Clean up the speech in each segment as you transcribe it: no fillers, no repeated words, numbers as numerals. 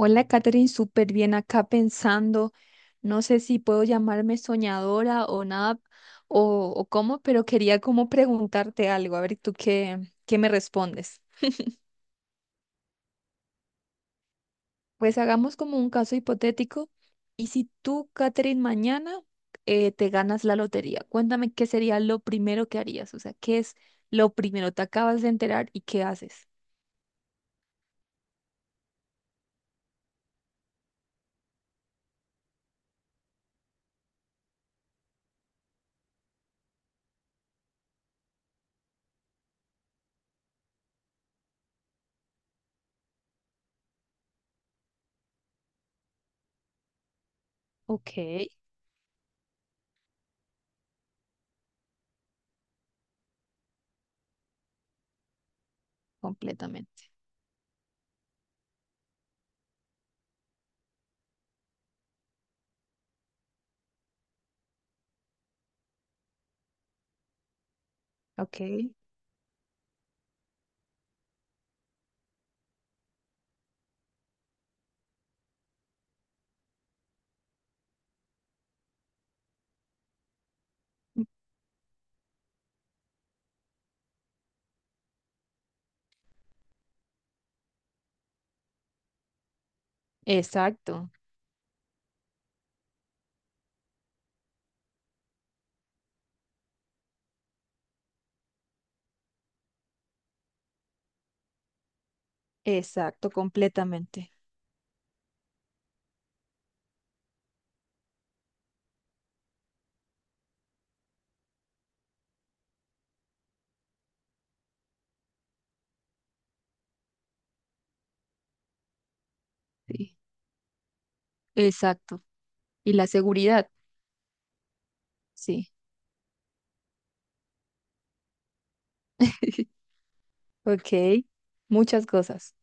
Hola, Katherine, súper bien acá pensando. No sé si puedo llamarme soñadora o nada, o cómo, pero quería como preguntarte algo, a ver tú qué me respondes. Pues hagamos como un caso hipotético. Y si tú, Katherine, mañana te ganas la lotería, cuéntame qué sería lo primero que harías, o sea, qué es lo primero, te acabas de enterar y qué haces. Ok, completamente. Ok. Exacto, exacto, completamente. Sí. Exacto. Y la seguridad, sí. Ok, muchas cosas.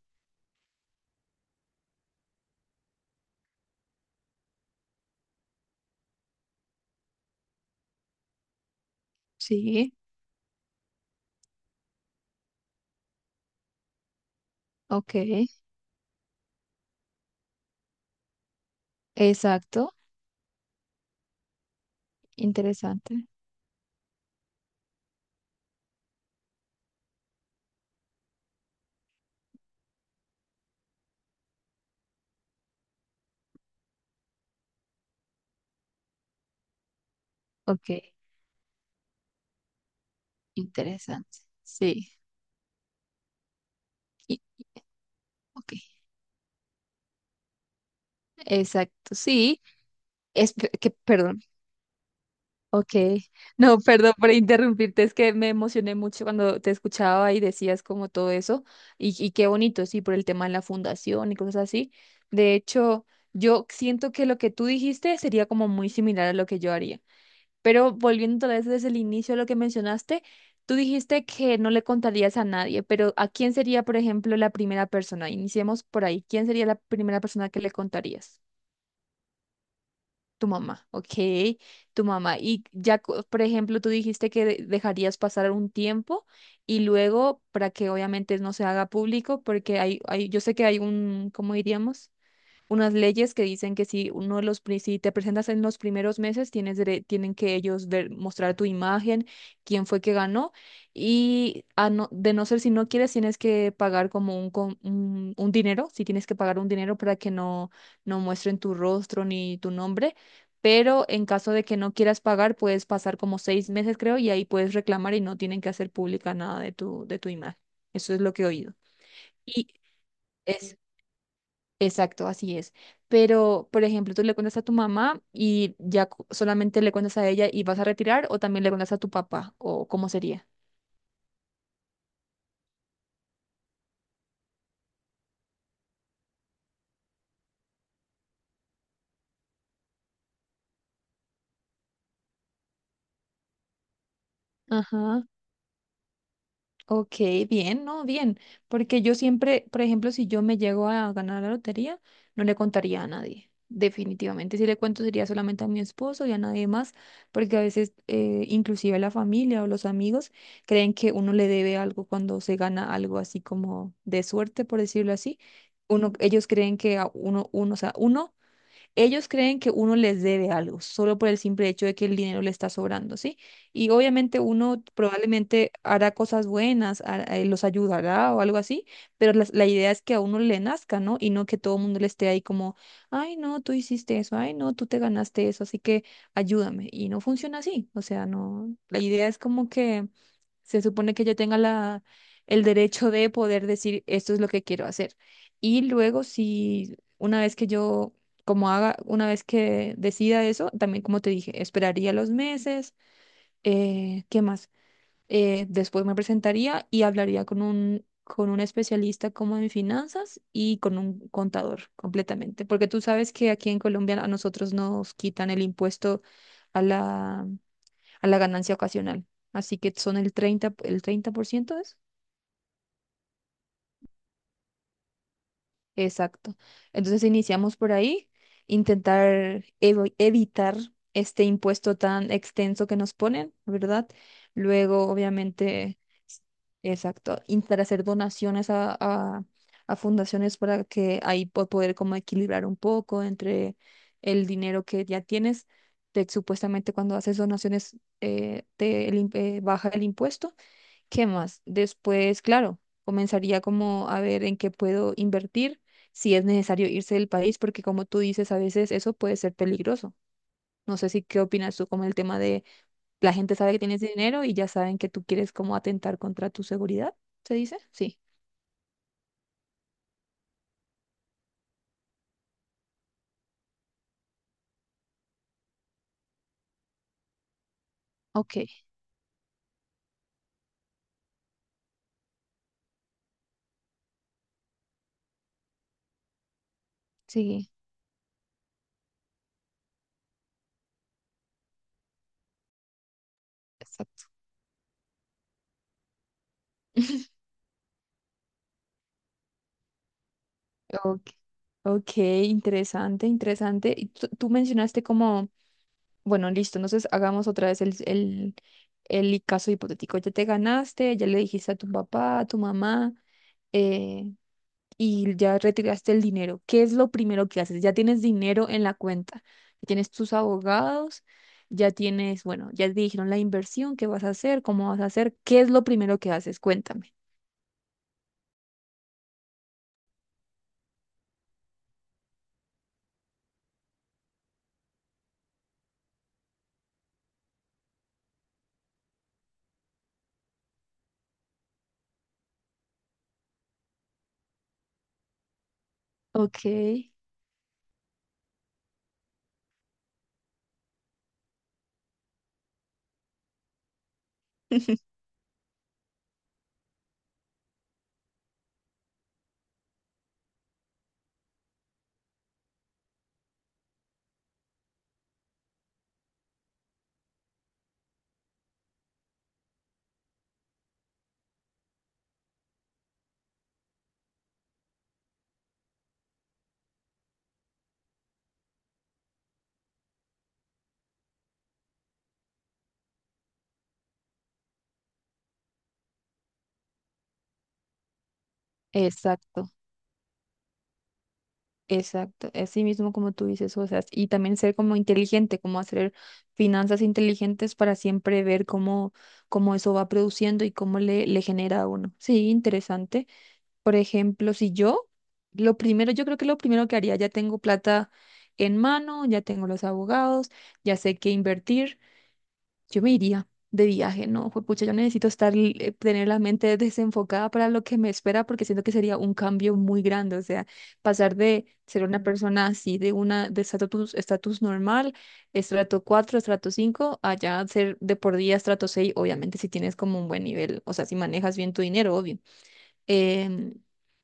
Sí, ok. Exacto. Interesante. Ok, interesante. Sí. y- ok. Exacto, sí. Es que, perdón. Ok. No, perdón por interrumpirte. Es que me emocioné mucho cuando te escuchaba y decías como todo eso. Y qué bonito, sí, por el tema de la fundación y cosas así. De hecho, yo siento que lo que tú dijiste sería como muy similar a lo que yo haría. Pero volviendo otra vez desde el inicio a lo que mencionaste, tú dijiste que no le contarías a nadie, pero ¿a quién sería, por ejemplo, la primera persona? Iniciemos por ahí. ¿Quién sería la primera persona que le contarías? Tu mamá, ok, tu mamá. Y ya, por ejemplo, tú dijiste que dejarías pasar un tiempo y luego para que obviamente no se haga público, porque hay, yo sé que hay un, ¿cómo diríamos? Unas leyes que dicen que si uno de los, si te presentas en los primeros meses, tienen que ellos ver, mostrar tu imagen, quién fue que ganó, y a no- de no ser si no quieres, tienes que pagar como un dinero, si tienes que pagar un dinero para que no, no muestren tu rostro ni tu nombre. Pero en caso de que no quieras pagar, puedes pasar como 6 meses, creo, y ahí puedes reclamar y no tienen que hacer pública nada de tu, de tu imagen. Eso es lo que he oído. Y es Exacto, así es. Pero, por ejemplo, tú le cuentas a tu mamá y ya solamente le cuentas a ella y vas a retirar, o también le cuentas a tu papá, o cómo sería. Ajá. Ok, bien, no, bien, porque yo siempre, por ejemplo, si yo me llego a ganar la lotería, no le contaría a nadie, definitivamente. Si le cuento sería solamente a mi esposo y a nadie más, porque a veces inclusive la familia o los amigos creen que uno le debe algo cuando se gana algo así como de suerte, por decirlo así. Uno, ellos creen que a uno, o sea, uno, ellos creen que uno les debe algo solo por el simple hecho de que el dinero le está sobrando, ¿sí? Y obviamente uno probablemente hará cosas buenas, los ayudará o algo así, pero la idea es que a uno le nazca, ¿no? Y no que todo el mundo le esté ahí como, ay, no, tú hiciste eso, ay, no, tú te ganaste eso, así que ayúdame. Y no funciona así, o sea, no, la idea es como que se supone que yo tenga la, el derecho de poder decir esto es lo que quiero hacer. Y luego, si una vez que yo, como haga, una vez que decida eso, también como te dije, esperaría los meses, ¿qué más? Después me presentaría y hablaría con un especialista como en finanzas y con un contador completamente. Porque tú sabes que aquí en Colombia a nosotros nos quitan el impuesto a la a la ganancia ocasional. Así que son el treinta por ciento es. Exacto. Entonces iniciamos por ahí, intentar evitar este impuesto tan extenso que nos ponen, ¿verdad? Luego, obviamente, s- exacto, intentar hacer donaciones a fundaciones para que ahí poder como equilibrar un poco entre el dinero que ya tienes. Supuestamente cuando haces donaciones te, baja el impuesto. ¿Qué más? Después, claro, comenzaría como a ver en qué puedo invertir, si es necesario irse del país, porque como tú dices, a veces eso puede ser peligroso. No sé si qué opinas tú como el tema de la gente sabe que tienes dinero y ya saben que tú quieres como atentar contra tu seguridad, ¿se dice? Sí. Ok, sí, exacto. Ok, ok, interesante, interesante. Y tú mencionaste como... Bueno, listo. Entonces hagamos otra vez el caso hipotético. Ya te ganaste, ya le dijiste a tu papá, a tu mamá, eh, y ya retiraste el dinero. ¿Qué es lo primero que haces? Ya tienes dinero en la cuenta, ya tienes tus abogados, ya tienes, bueno, ya te dijeron la inversión, qué vas a hacer, cómo vas a hacer. ¿Qué es lo primero que haces? Cuéntame. Ok. Exacto. Exacto, así mismo como tú dices, o sea, y también ser como inteligente, como hacer finanzas inteligentes para siempre ver cómo, cómo eso va produciendo y cómo le, le genera a uno. Sí, interesante. Por ejemplo, si yo, lo primero, yo creo que lo primero que haría, ya tengo plata en mano, ya tengo los abogados, ya sé qué invertir. Yo me iría de viaje, no, pucha, yo necesito estar, tener la mente desenfocada para lo que me espera, porque siento que sería un cambio muy grande, o sea, pasar de ser una persona así, de una, de estatus, estatus normal, estrato 4, estrato 5, allá ser de por día estrato 6, obviamente si tienes como un buen nivel, o sea, si manejas bien tu dinero, obvio. em,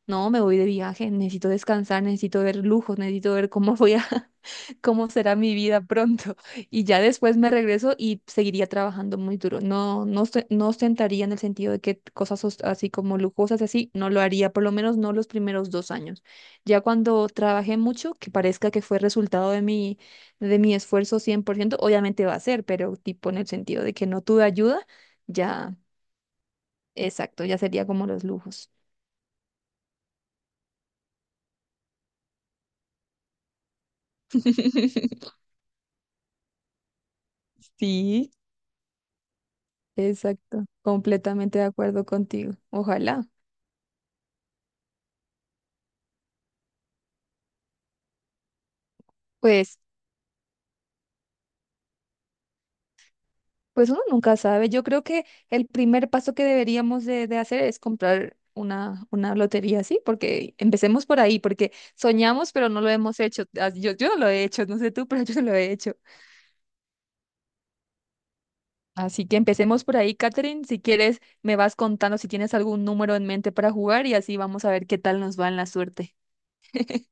no, me voy de viaje, necesito descansar, necesito ver lujos, necesito ver cómo voy a, cómo será mi vida pronto. Y ya después me regreso y seguiría trabajando muy duro. No, no, no ostentaría en el sentido de que cosas así como lujosas, así, no lo haría, por lo menos no los primeros 2 años. Ya cuando trabajé mucho, que parezca que fue resultado de mi esfuerzo, 100% obviamente va a ser, pero tipo en el sentido de que no tuve ayuda, ya, exacto, ya sería como los lujos. Sí, exacto, completamente de acuerdo contigo. Ojalá. Pues, pues uno nunca sabe. Yo creo que el primer paso que deberíamos de hacer es comprar una lotería, ¿sí? Porque empecemos por ahí, porque soñamos, pero no lo hemos hecho. Ah, Yo no lo he hecho, no sé tú, pero yo no lo he hecho. Así que empecemos por ahí, Catherine. Si quieres, me vas contando si tienes algún número en mente para jugar y así vamos a ver qué tal nos va en la suerte.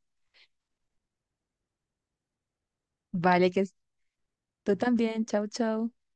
Vale, que tú también. Chao, chao.